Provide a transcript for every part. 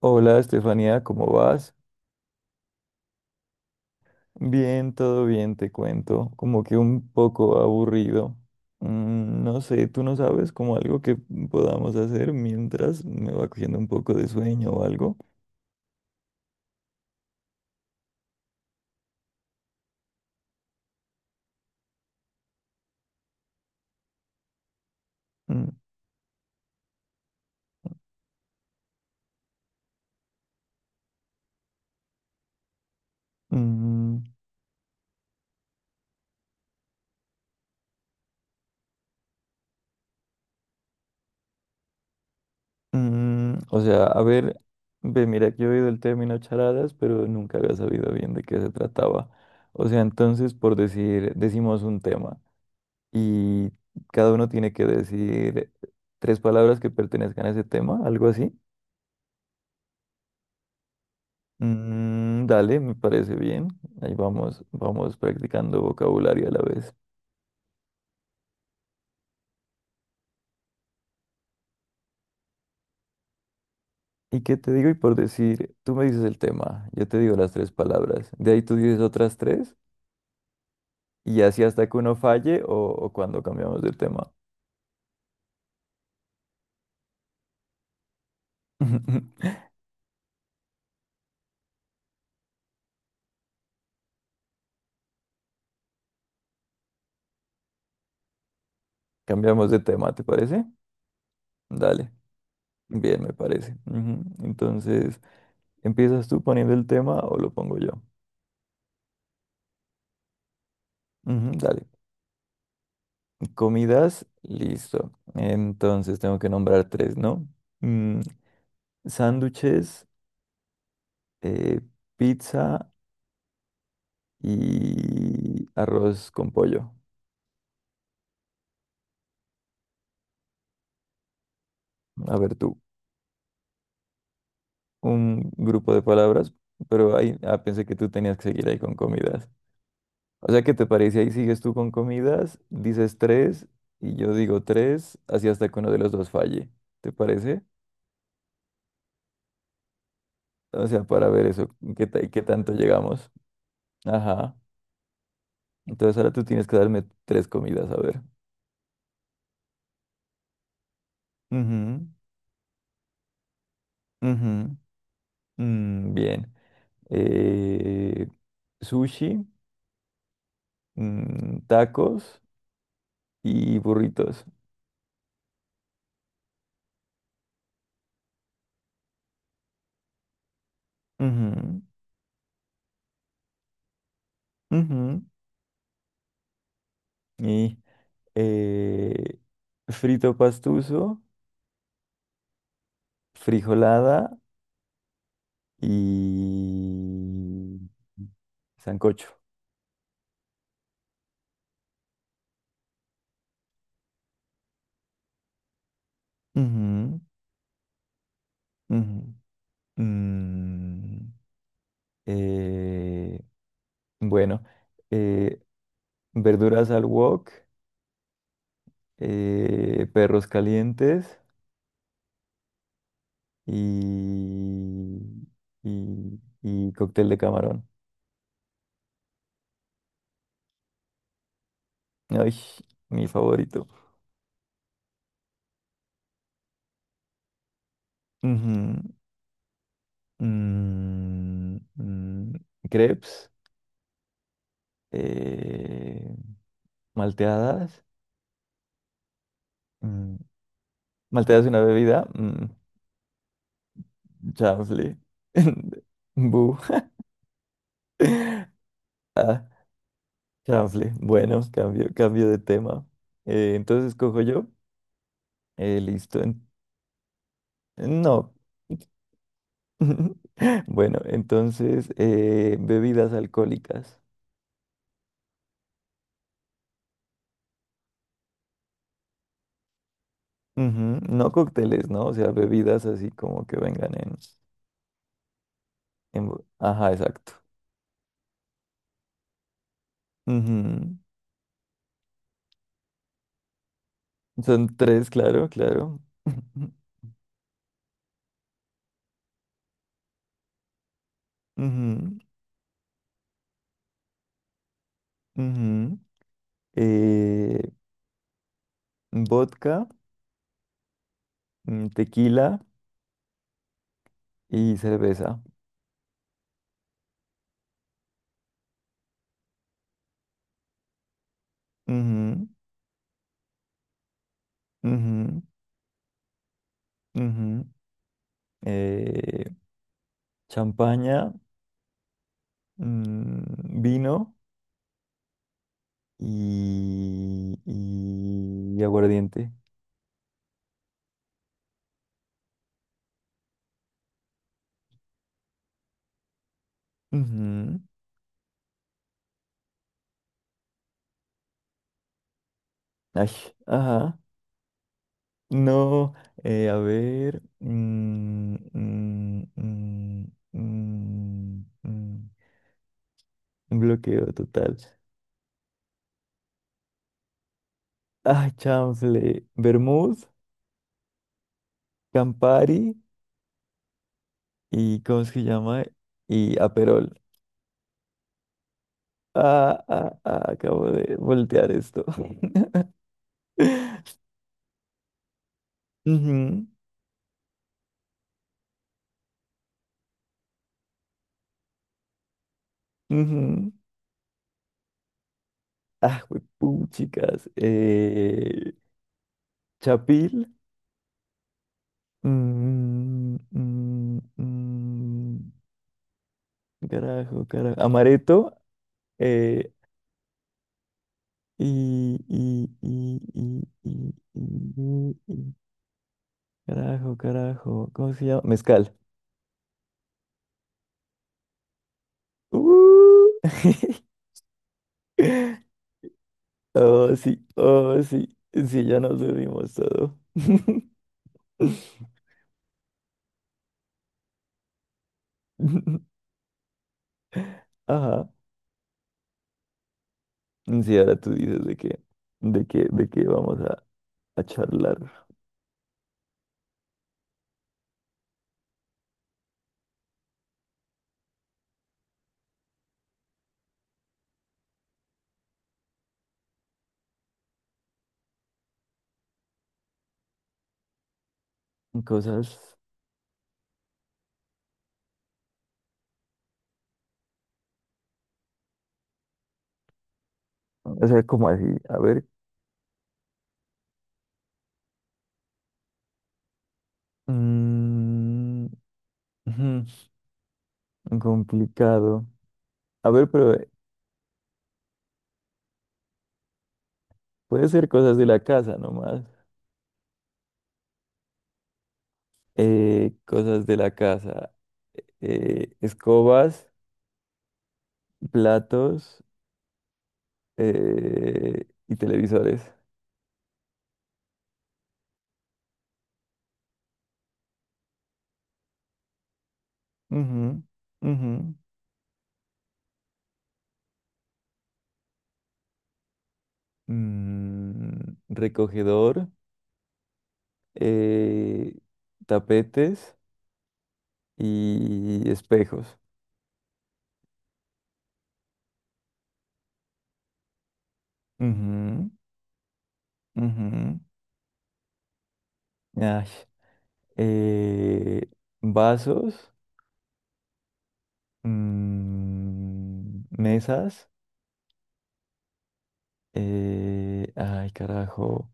Hola Estefanía, ¿cómo vas? Bien, todo bien, te cuento. Como que un poco aburrido. No sé, tú no sabes como algo que podamos hacer mientras me va cogiendo un poco de sueño o algo. Mm, mm, o sea, a ver, ve, mira que he oído el término charadas, pero nunca había sabido bien de qué se trataba. O sea, entonces, por decir, decimos un tema y cada uno tiene que decir tres palabras que pertenezcan a ese tema, algo así. Mm, dale, me parece bien. Ahí vamos, vamos practicando vocabulario a la vez. ¿Y qué te digo? Y por decir, tú me dices el tema, yo te digo las tres palabras, de ahí tú dices otras tres y así hasta que uno falle o cuando cambiamos de tema. Cambiamos de tema, ¿te parece? Dale, bien, me parece. Ujú. Entonces, ¿empiezas tú poniendo el tema o lo pongo yo? Ujú, dale, comidas, listo. Entonces tengo que nombrar tres, ¿no? Mm, Sándwiches, eh, pizza y arroz con pollo. A ver tú, un grupo de palabras, pero ahí pensé que tú tenías que seguir ahí con comidas. O sea, ¿qué te parece? Ahí sigues tú con comidas, dices tres y yo digo tres, así hasta que uno de los dos falle. ¿Te parece? O sea, para ver eso, qué tanto llegamos. Ajá. Entonces ahora tú tienes que darme tres comidas, a ver. Ujú, ujú. Mm, bien. Eh, Sushi. Tacos y burritos. Ujú, ujú. Y eh, frito pastuso, frijolada y sancocho. Ujú, ujú. Mm, eh, bueno, eh, verduras al wok, perros calientes y, y cóctel de camarón. Ay, mi favorito. Ujú, mm, mm, crepes, eh, malteadas. mm, Malteadas es una bebida. Chanfle. Bu. Ah, chanfle. Bueno, cambio, cambio de tema. Entonces cojo yo. Listo. No. Bueno, entonces bebidas alcohólicas. Ujú. No cócteles, ¿no? O sea, bebidas así como que vengan en. Ajá, exacto. Ujú. Son tres, claro, claro. Ujú, ujú. Eh, Vodka, tequila y cerveza. Ujú, ujú, ujú. Eh, Champaña, mm, vino y aguardiente. Ujú. Ay, ajá. No, a ver. Mm, mm, Bloqueo total. Ah, chanfle. Vermouth, Campari y ¿cómo es que llama? Y Aperol. Ah, ah, ah, acabo de voltear esto. Ujú, ujú. Ah, güey, chicas. Chapil. Mm, mm, mm, Carajo, carajo. Amaretto. Eh, y, y, y, y, y, y- y carajo, carajo, ¿cómo se llama? Mezcal. ¡Uh! Oh, sí, oh, sí, sí, ya nos bebimos todo. Ajá. Sí, ahora tú dices de que vamos a charlar cosas, o sea, como así, a ver, mm, ujú, complicado. A ver, pero puede ser cosas de la casa nomás. Cosas de la casa, escobas, platos, y televisores. Ujú, ujú. Recogedor, eh, tapetes y espejos. Ujú, ujú. Ay, eh, vasos, mesas, ay, carajo,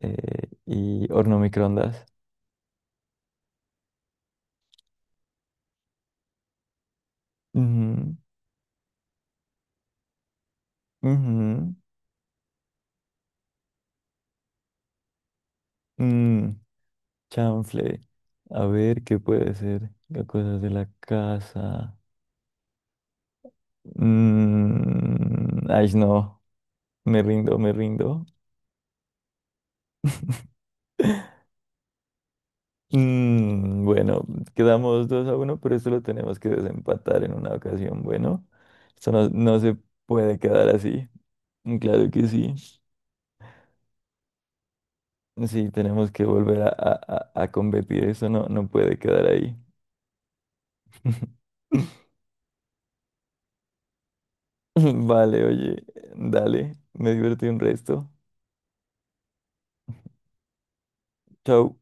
eh, y horno microondas. Ujú, ujú, mm, chanfle. A ver qué puede ser. Las cosas de la casa. Mm, ay, no. Me rindo, me rindo. Bueno, quedamos 2-1 pero esto lo tenemos que desempatar en una ocasión. Bueno, esto no se puede quedar así. Mm, claro que sí. Sí, tenemos que volver a competir. Eso no puede quedar ahí. Vale, oye, dale, me divertí un resto. Chau.